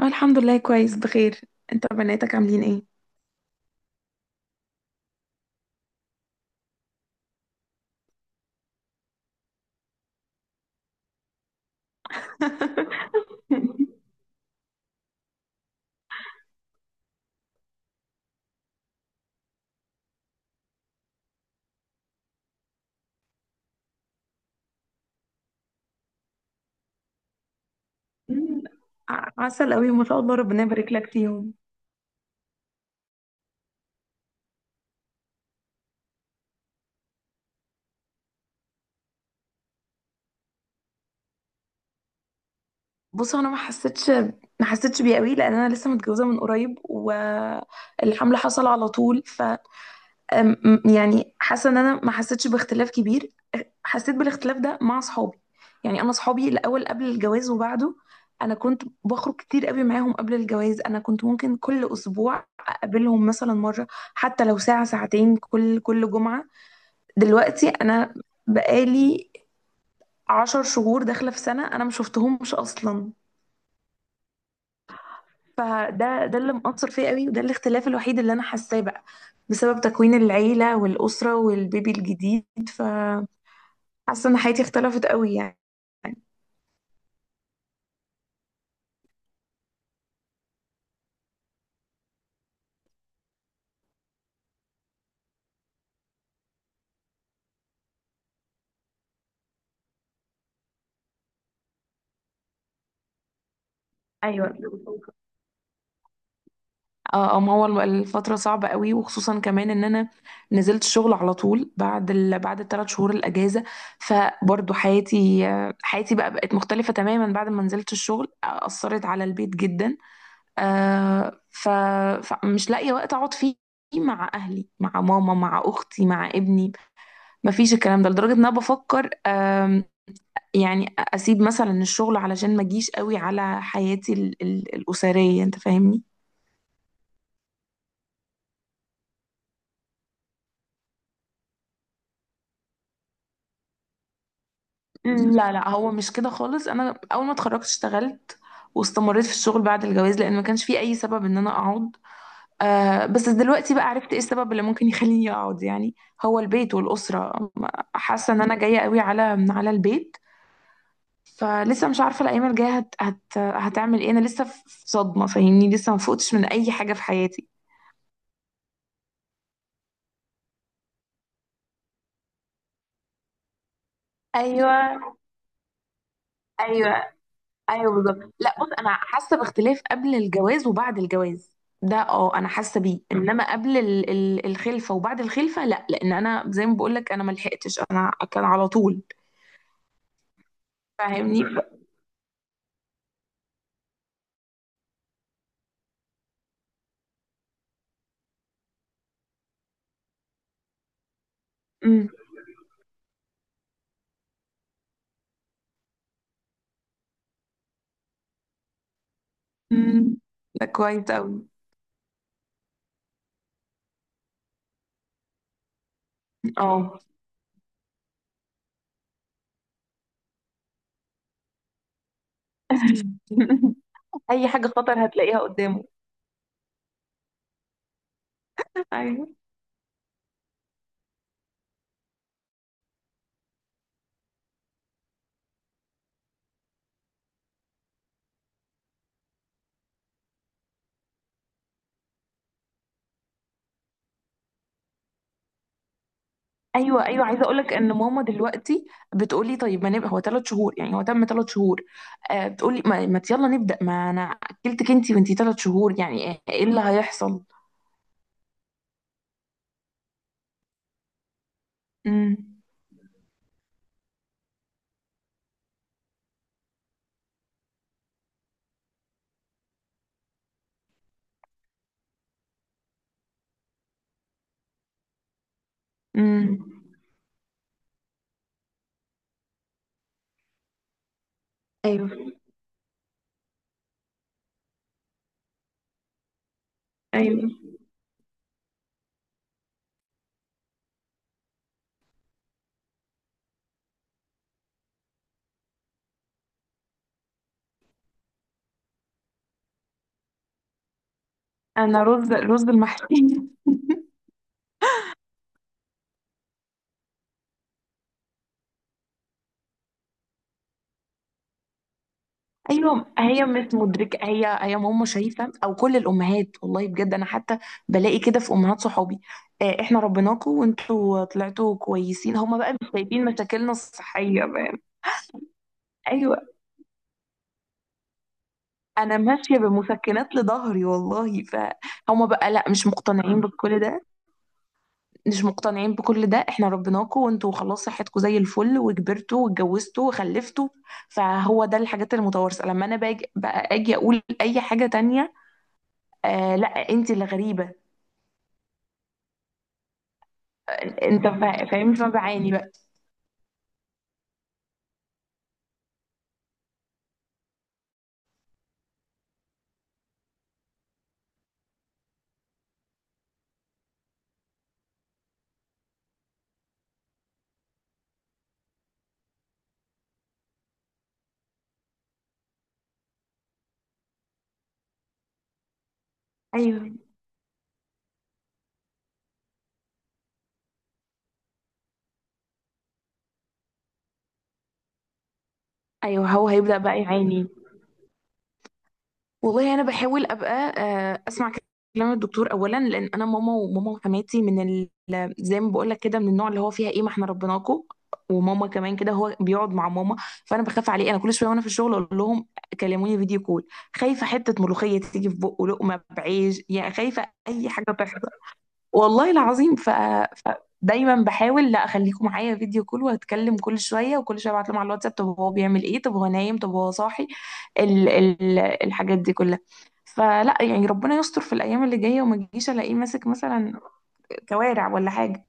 اه، الحمد لله، كويس بخير. انت بناتك عاملين ايه؟ مم، عسل قوي، ما شاء الله، ربنا يبارك لك فيهم. بص، انا ما حسيتش بيه قوي، لان انا لسه متجوزه من قريب، والحمل حصل على طول. ف يعني حاسه ان انا ما حسيتش باختلاف كبير. حسيت بالاختلاف ده مع اصحابي، يعني انا اصحابي الاول قبل الجواز وبعده، انا كنت بخرج كتير قوي معاهم قبل الجواز، انا كنت ممكن كل اسبوع اقابلهم مثلا مره، حتى لو ساعه ساعتين كل جمعه. دلوقتي انا بقالي 10 شهور داخله في سنه انا ما شفتهمش اصلا. فده اللي مأثر فيا قوي، وده الاختلاف الوحيد اللي انا حاساه بقى، بسبب تكوين العيله والاسره والبيبي الجديد. فحاسه ان حياتي اختلفت قوي يعني. ايوه. اه، ما هو الفترة صعبة قوي، وخصوصا كمان ان انا نزلت الشغل على طول بعد الـ3 شهور الاجازة. فبرضو حياتي بقى بقت مختلفة تماما بعد ما نزلت الشغل، اثرت على البيت جدا. آه، ف... فمش لاقية وقت اقعد فيه مع اهلي، مع ماما، مع اختي، مع ابني. مفيش الكلام ده، لدرجة ان انا بفكر يعني اسيب مثلا الشغل علشان ما اجيش قوي على حياتي الاسرية، انت فاهمني. مم، لا لا، هو مش كده خالص. انا اول ما اتخرجت اشتغلت واستمريت في الشغل بعد الجواز، لان ما كانش في اي سبب ان انا اقعد. بس دلوقتي بقى عرفت ايه السبب اللي ممكن يخليني اقعد، يعني هو البيت والاسره. حاسه ان انا جايه قوي على البيت. فلسه مش عارفه الايام الجايه هت هت هتعمل ايه. انا لسه في صدمه، فاهمني، لسه ما فقتش من اي حاجه في حياتي. ايوه، ايوه، ايوه، بالظبط. لا، بص، انا حاسه باختلاف قبل الجواز وبعد الجواز، ده اه انا حاسه بيه. انما قبل الخلفه وبعد الخلفه لا، لان انا زي ما بقول لك انا ما لحقتش، انا كان على طول، فاهمني. امم. أمم. ده كويس قوي. اه. اي حاجه خطر هتلاقيها قدامه. أيوة. ايوه، ايوه، عايزه اقول لك ان ماما دلوقتي بتقولي طيب ما نبقى، هو 3 شهور، يعني هو تم 3 شهور. بتقولي ما يلا نبدا، ما انا اكلتك انتي وانتي 3 شهور، يعني إيه اللي هيحصل. امم. امم. ايوه، ايوه. انا رز المحشي. ايوه، هي مش مدركه، هي ماما شايفه او كل الامهات، والله بجد انا حتى بلاقي كده في امهات صحابي، احنا ربيناكوا وانتوا طلعتوا كويسين، هما بقى مش شايفين مشاكلنا الصحيه بقى. أيوة. انا ماشيه بمسكنات لظهري والله، فهم بقى لا مش مقتنعين بكل ده. مش مقتنعين بكل ده، احنا ربيناكوا وانتوا خلاص صحتكوا زي الفل وكبرتوا واتجوزتوا وخلفتوا. فهو ده الحاجات المتوارثه، لما انا باجي بقى اجي اقول اي حاجه تانية، آه لا انت اللي غريبه. انت فاهم فبعاني بقى. ايوه، ايوه، هو هيبدا بقى يعاني. والله انا بحاول ابقى اسمع كلام الدكتور اولا، لان انا ماما، وماما وحماتي من زي ما بقول لك كده، من النوع اللي هو فيها ايه ما احنا ربيناكوا. وماما كمان كده، هو بيقعد مع ماما. فانا بخاف عليه، انا كل شويه وانا في الشغل اقول لهم كلموني فيديو كول، خايفه حته ملوخيه تيجي في بقه، لقمه بعيش، يا خايفه اي حاجه تحصل، والله العظيم. فدايما بحاول لا اخليكم معايا فيديو كول واتكلم كل شويه، وكل شويه ابعت لهم على الواتساب طب هو بيعمل ايه، طب هو نايم، طب هو صاحي، الحاجات دي كلها. فلا يعني ربنا يستر في الايام اللي جايه، وما تجيش الاقيه ماسك مثلا كوارع ولا حاجه.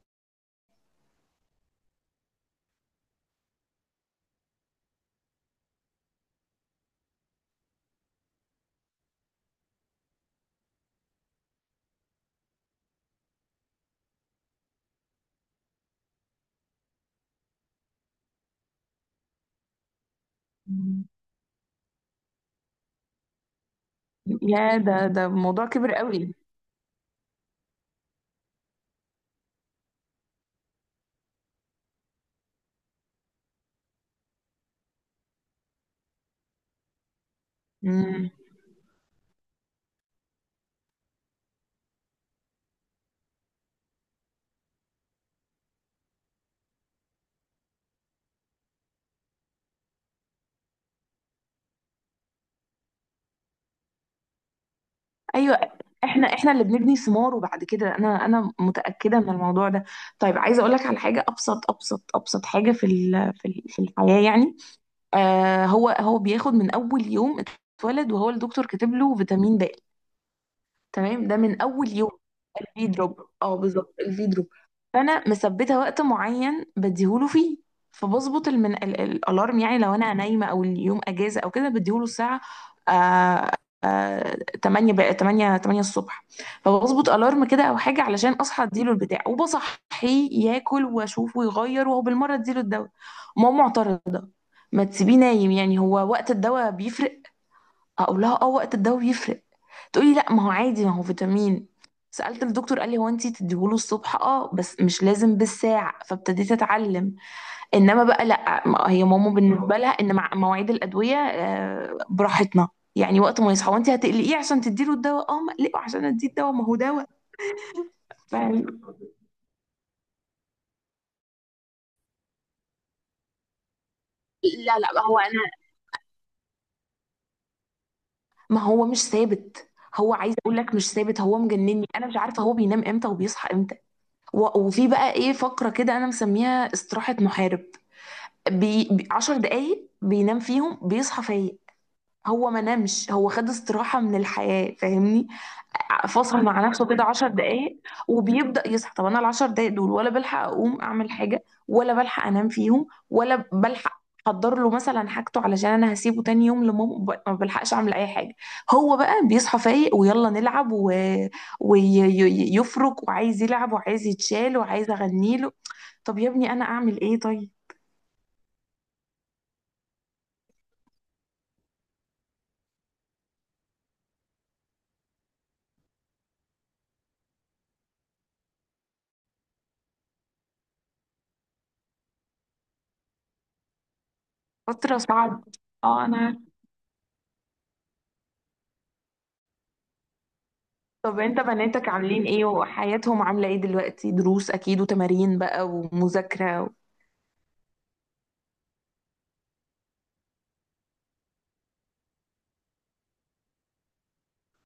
يا ده موضوع كبير قوي. مم. ايوه، احنا اللي بنبني ثمار، وبعد كده انا متاكده من الموضوع ده. طيب عايزه اقول لك على حاجه ابسط ابسط ابسط حاجه في الحياه يعني. هو بياخد من اول يوم اتولد، وهو الدكتور كاتب له فيتامين د. تمام، ده من اول يوم. الفي دروب، اه بالظبط، الفي دروب. فانا مثبته وقت معين بديهوله فيه، فبظبط الالارم، يعني لو انا نايمه او اليوم اجازه او كده بديهوله الساعه آه... آه... 8 بقى 8 الصبح. فبظبط الارم كده او حاجه علشان اصحى اديله البتاع، وبصحيه ياكل واشوفه ويغير، وهو بالمره اديله الدواء. ماما معترضه، ما تسيبيه نايم، يعني هو وقت الدواء بيفرق. اقول لها اه وقت الدواء بيفرق، تقولي لا ما هو عادي، ما هو فيتامين. سألت الدكتور قال لي هو انتي تديهوله الصبح اه، بس مش لازم بالساعة، فابتديت اتعلم. انما بقى لا، هي ماما بالنسبة لها ان مع مواعيد الأدوية براحتنا، يعني وقت ما يصحى وانتي هتقلقيه عشان تديله الدواء، اه ما اقلقه عشان اديه الدواء، ما هو دواء. لا لا، ما هو انا، ما هو مش ثابت، هو عايز اقول لك مش ثابت، هو مجنني، انا مش عارفة هو بينام امتى وبيصحى امتى. وفي بقى ايه فقرة كده انا مسميها استراحة محارب، 10 دقايق بينام فيهم بيصحى فايق. هو ما نامش، هو خد استراحة من الحياة، فاهمني. فصل مع نفسه كده 10 دقايق وبيبدأ يصحى. طب أنا الـ10 دقايق دول، ولا بلحق أقوم أعمل حاجة، ولا بلحق أنام فيهم، ولا بلحق أحضر له مثلا حاجته علشان أنا هسيبه تاني يوم لماما، ما بلحقش أعمل أي حاجة. هو بقى بيصحى فايق ويلا نلعب، ويفرك وعايز يلعب وعايز يتشال وعايز أغنيله. طب يا ابني أنا أعمل إيه طيب؟ فترة صعبة. اه انا عارفة. طب انت بناتك عاملين ايه، وحياتهم عاملة ايه دلوقتي، دروس اكيد وتمارين بقى ومذاكرة.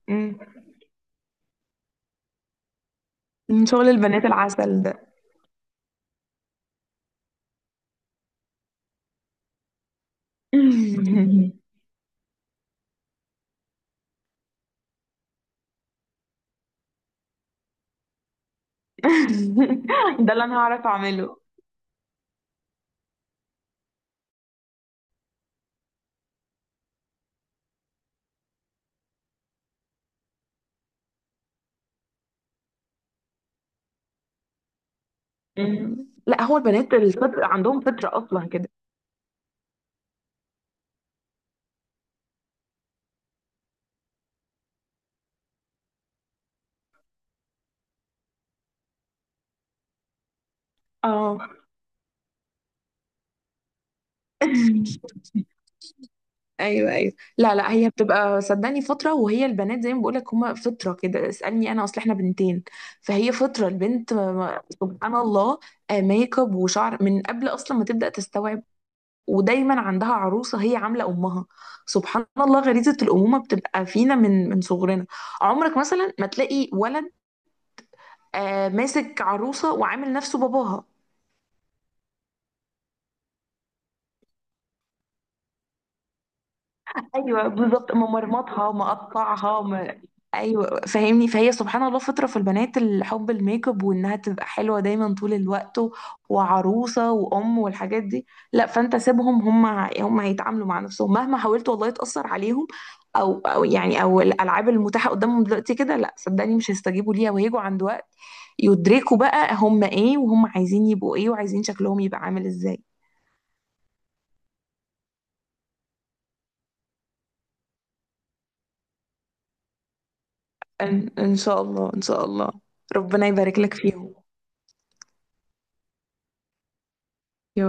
مم. من شغل البنات العسل ده. ده اللي انا هعرف اعمله. مم. لا هو البنات الفطر عندهم فطرة اصلا كده. اه. ايوه، ايوه. لا لا، هي بتبقى صدقني فتره، وهي البنات زي ما بقولك هما فطره كده، اسالني انا اصل احنا بنتين. فهي فطره البنت سبحان الله، ميك اب وشعر من قبل اصلا ما تبدا تستوعب. ودايما عندها عروسه هي عامله امها. سبحان الله، غريزه الامومه بتبقى فينا من صغرنا. عمرك مثلا ما تلاقي ولد ماسك عروسه وعامل نفسه باباها. ايوه بالظبط، ممرمطها، مقطعها ما... ايوه فاهمني. فهي سبحان الله فطره في البنات، الحب، الميك اب، وانها تبقى حلوه دايما طول الوقت، وعروسه وام والحاجات دي. لا فانت سيبهم، هم هيتعاملوا مع نفسهم مهما حاولت والله تاثر عليهم، او او يعني او الالعاب المتاحه قدامهم دلوقتي كده لا، صدقني مش هيستجيبوا ليها، وهيجوا عند وقت يدركوا بقى هم ايه، وهم عايزين يبقوا ايه، وعايزين شكلهم يبقى عامل ازاي. ان إن شاء الله، ان شاء الله. ربنا يبارك لك فيهم.